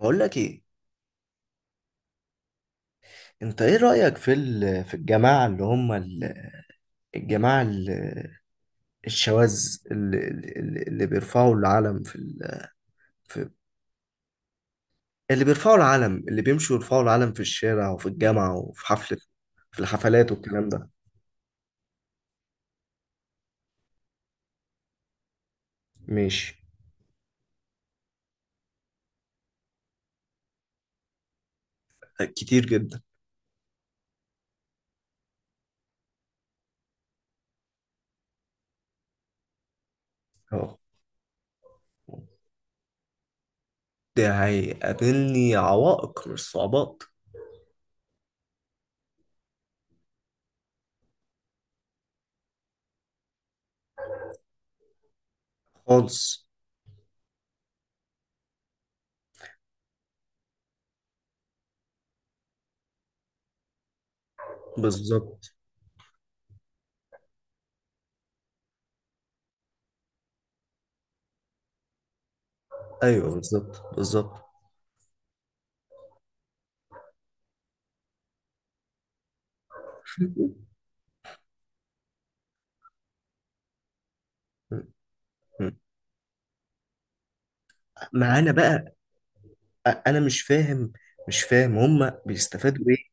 بقول لك ايه. انت ايه رأيك في الجماعة اللي هم ال- الجماعة ال- الشواذ اللي بيرفعوا العلم في اللي بيرفعوا العلم اللي بيمشوا يرفعوا العلم في الشارع وفي الجامعة وفي حفلة في الحفلات والكلام ده. ماشي. كتير جدا. اه، ده هيقابلني عوائق مش صعوبات. خالص. بالظبط، ايوه، بالظبط بالظبط. معانا بقى. انا مش فاهم، مش فاهم هما بيستفادوا ايه.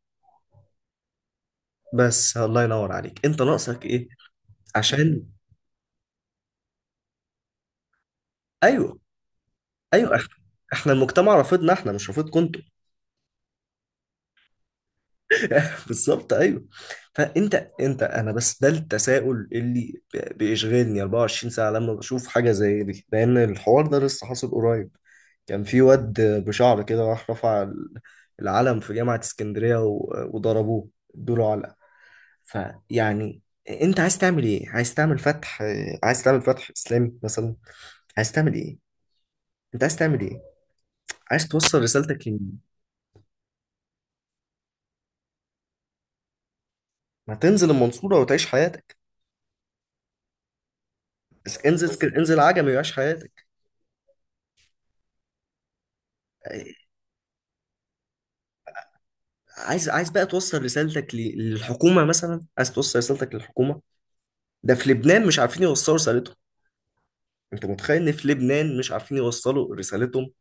بس الله ينور عليك، انت ناقصك ايه؟ عشان، ايوه ايوه، احنا، احنا المجتمع رافضنا، احنا مش رافضكم انتوا. بالظبط ايوه. فانت انت انا بس ده التساؤل اللي بيشغلني 24 ساعه لما بشوف حاجه زي دي، لان الحوار ده لسه حاصل قريب. كان في واد بشعر كده راح رفع العلم في جامعه اسكندريه وضربوه، ادوا له علقه. فيعني انت عايز تعمل ايه؟ عايز تعمل فتح، عايز تعمل فتح اسلامي مثلا؟ عايز تعمل ايه؟ انت عايز تعمل ايه؟ عايز توصل رسالتك لمين؟ ما تنزل المنصورة وتعيش حياتك. بس انزل عجمي وعيش حياتك. عايز، عايز بقى توصل رسالتك للحكومة مثلا، عايز توصل رسالتك للحكومة. ده في لبنان مش عارفين يوصلوا رسالتهم، انت متخيل ان في لبنان مش عارفين يوصلوا رسالتهم؟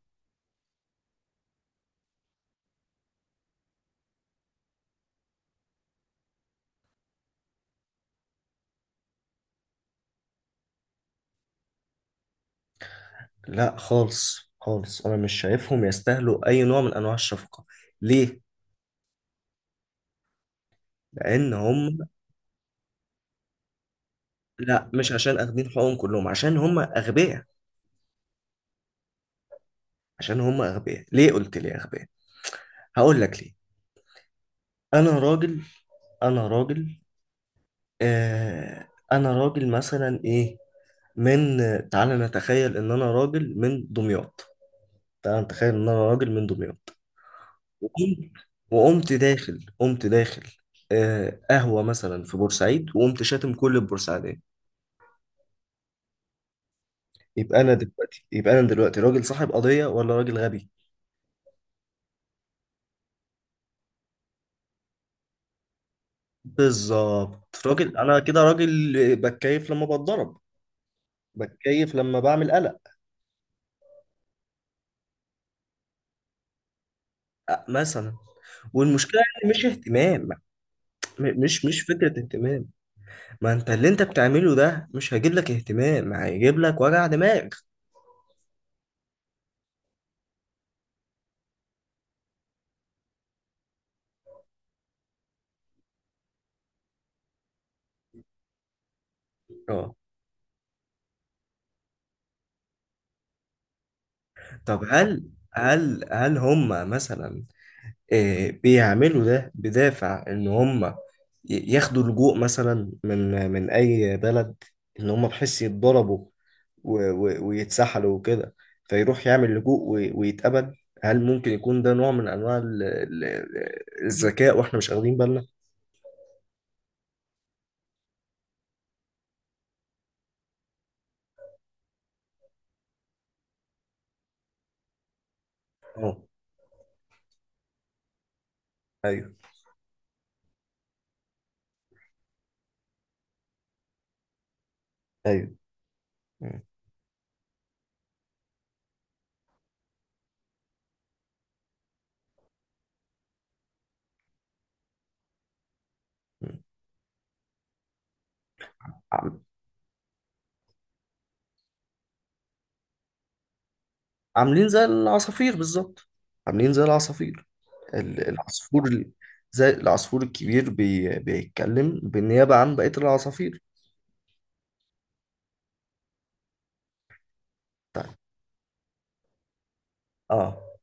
لا خالص خالص، انا مش شايفهم يستاهلوا اي نوع من انواع الشفقة. ليه؟ لان هم، لا مش عشان اخدين حقوقهم كلهم، عشان هم اغبياء. عشان هم اغبياء. ليه قلت لي اغبياء؟ هقول لك ليه. انا راجل انا راجل. انا راجل مثلا، ايه، من تعال نتخيل ان انا راجل من دمياط. تعال نتخيل ان انا راجل من دمياط وقمت، وقمت داخل قهوة مثلا في بورسعيد، وقمت شاتم كل البورسعيدية. يبقى انا دلوقتي، يبقى انا دلوقتي راجل صاحب قضية ولا راجل غبي؟ بالظبط. راجل، انا كده راجل بتكيف لما بتضرب، بتكيف لما بعمل قلق. مثلا. والمشكله ان مش اهتمام، مش فكره اهتمام. ما انت اللي انت بتعمله ده مش هيجيب لك اهتمام، هيجيب لك وجع دماغ. اه. طب هل هم مثلا، بيعملوا ده بدافع ان هم ياخدوا لجوء مثلا من من اي بلد، ان هم بحيث يتضربوا ويتسحلوا وكده، فيروح يعمل لجوء ويتقبل. هل ممكن يكون ده نوع من انواع الذكاء واحنا مش واخدين بالنا؟ اه. ايوه. ايوه. م- م. عم- عاملين زي العصافير بالظبط، عاملين زي العصافير. ال- العصفور ال- زي العصفور الكبير بيتكلم بالنيابة عن بقية العصافير. اه.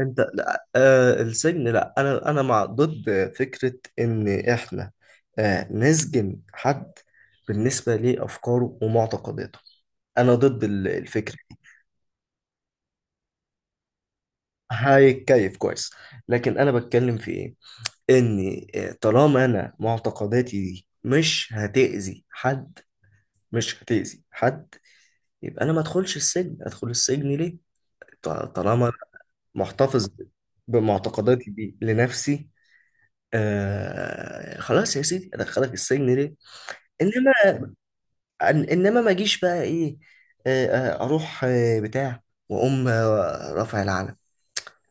انت لا آه السجن، لا انا مع، ضد فكرة ان احنا، نسجن حد بالنسبة لافكاره ومعتقداته. انا ضد الفكرة دي. هيتكيف كويس. لكن انا بتكلم في ايه، ان طالما انا معتقداتي دي مش هتأذي حد، مش هتأذي حد، يبقى انا ما ادخلش السجن. ادخل السجن ليه طالما أنا محتفظ بمعتقداتي دي لنفسي؟ آه خلاص يا سيدي، ادخلك السجن ليه؟ انما، انما ما اجيش بقى ايه، اروح بتاع، واقوم رافع العلم.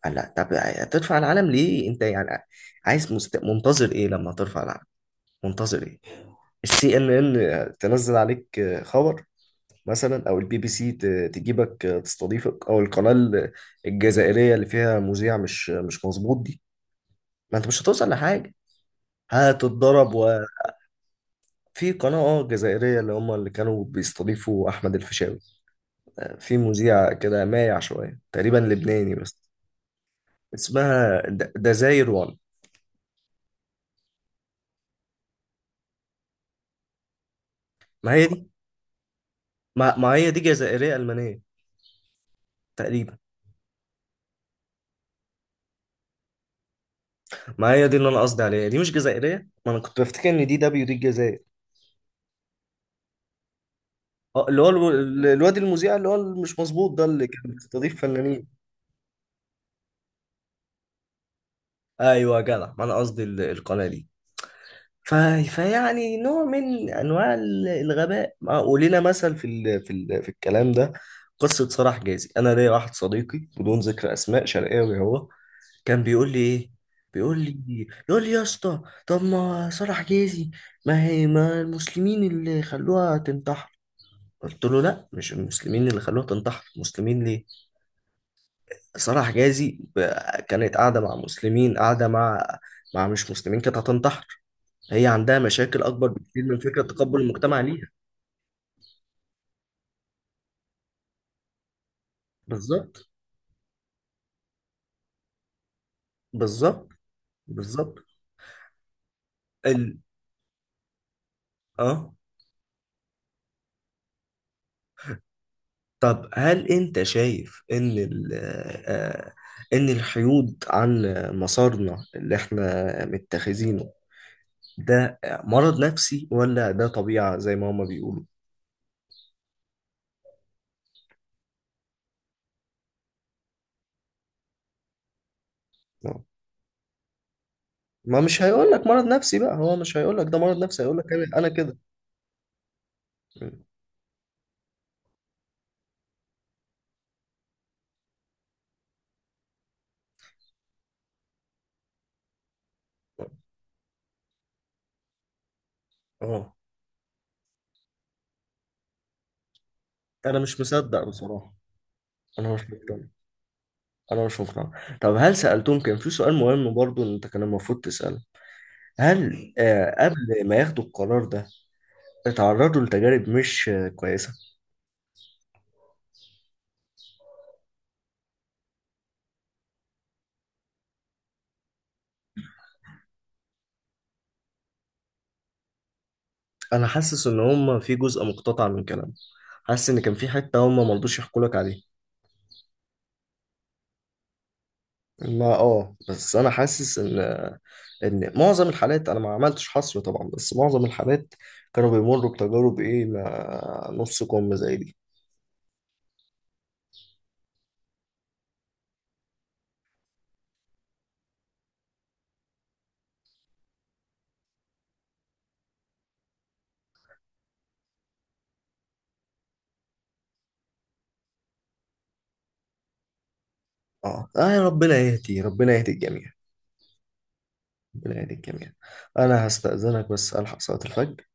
لا طب هترفع العلم ليه انت يعني؟ عايز منتظر ايه لما ترفع العلم؟ منتظر ايه؟ السي ان ان تنزل عليك خبر مثلا، او البي بي سي تجيبك تستضيفك، او القناة الجزائرية اللي فيها مذيع مش مظبوط دي؟ ما انت مش هتوصل لحاجة، هتتضرب. في قناة اه جزائرية اللي هم اللي كانوا بيستضيفوا أحمد الفيشاوي، في مذيع كده مايع شوية، تقريبا لبناني بس. اسمها دزاير وان. ما هي دي. ما هي دي جزائرية ألمانية تقريبا. ما هي دي اللي أنا قصدي عليها، دي مش جزائرية، ما أنا كنت بفتكر إن دي دبليو دي الجزائر. اه، اللي هو الواد المذيع اللي هو مش مظبوط ده، اللي كان بيستضيف فنانين. أيوه يا جدع، ما أنا قصدي القناة دي. ف... فيعني نوع من انواع الغباء، ولينا مثل في الكلام ده. قصه صلاح جازي، انا ليا واحد صديقي بدون ذكر اسماء، شرقاوي هو، كان بيقول لي ايه، بيقول لي، يقول لي يا اسطى، طب ما صلاح جازي، ما هي، ما المسلمين اللي خلوها تنتحر. قلت له لا مش المسلمين اللي خلوها تنتحر، المسلمين ليه؟ صلاح جازي كانت قاعده مع مسلمين، قاعده مع، مع مش مسلمين، كانت هتنتحر. هي عندها مشاكل اكبر بكتير من فكره تقبل المجتمع ليها. بالظبط. بالظبط. بالظبط. ال... اه. طب هل انت شايف ان ال... آه... آه، ان الحيود عن مسارنا اللي احنا متخذينه ده مرض نفسي ولا ده طبيعه زي ما هما بيقولوا؟ آه. ما مش هيقول لك مرض نفسي بقى، هو مش هيقول لك ده مرض نفسي، هيقول لك أنا كده. اه. انا مش مصدق بصراحه، انا مش مقتنع، انا مش مقتنع. طب هل سألتهم، كان في سؤال مهم برضو إن انت كان المفروض تسأله، هل قبل ما ياخدوا القرار ده اتعرضوا لتجارب مش كويسة؟ انا حاسس ان هم في جزء مقتطع من كلام، حاسس ان كان في حتة هم ما رضوش يحكوا لك عليها. ما اه بس انا حاسس ان، ان معظم الحالات، انا ما عملتش حصر طبعا، بس معظم الحالات كانوا بيمروا بتجارب ايه ما نص كم زي دي. يا ربنا يهدي، ربنا يهدي الجميع. ربنا يهديك جميعا. انا هستأذنك بس، الحق صلاة الفجر،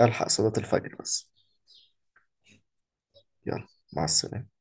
الحق صلاة الفجر بس. يلا، مع السلامة.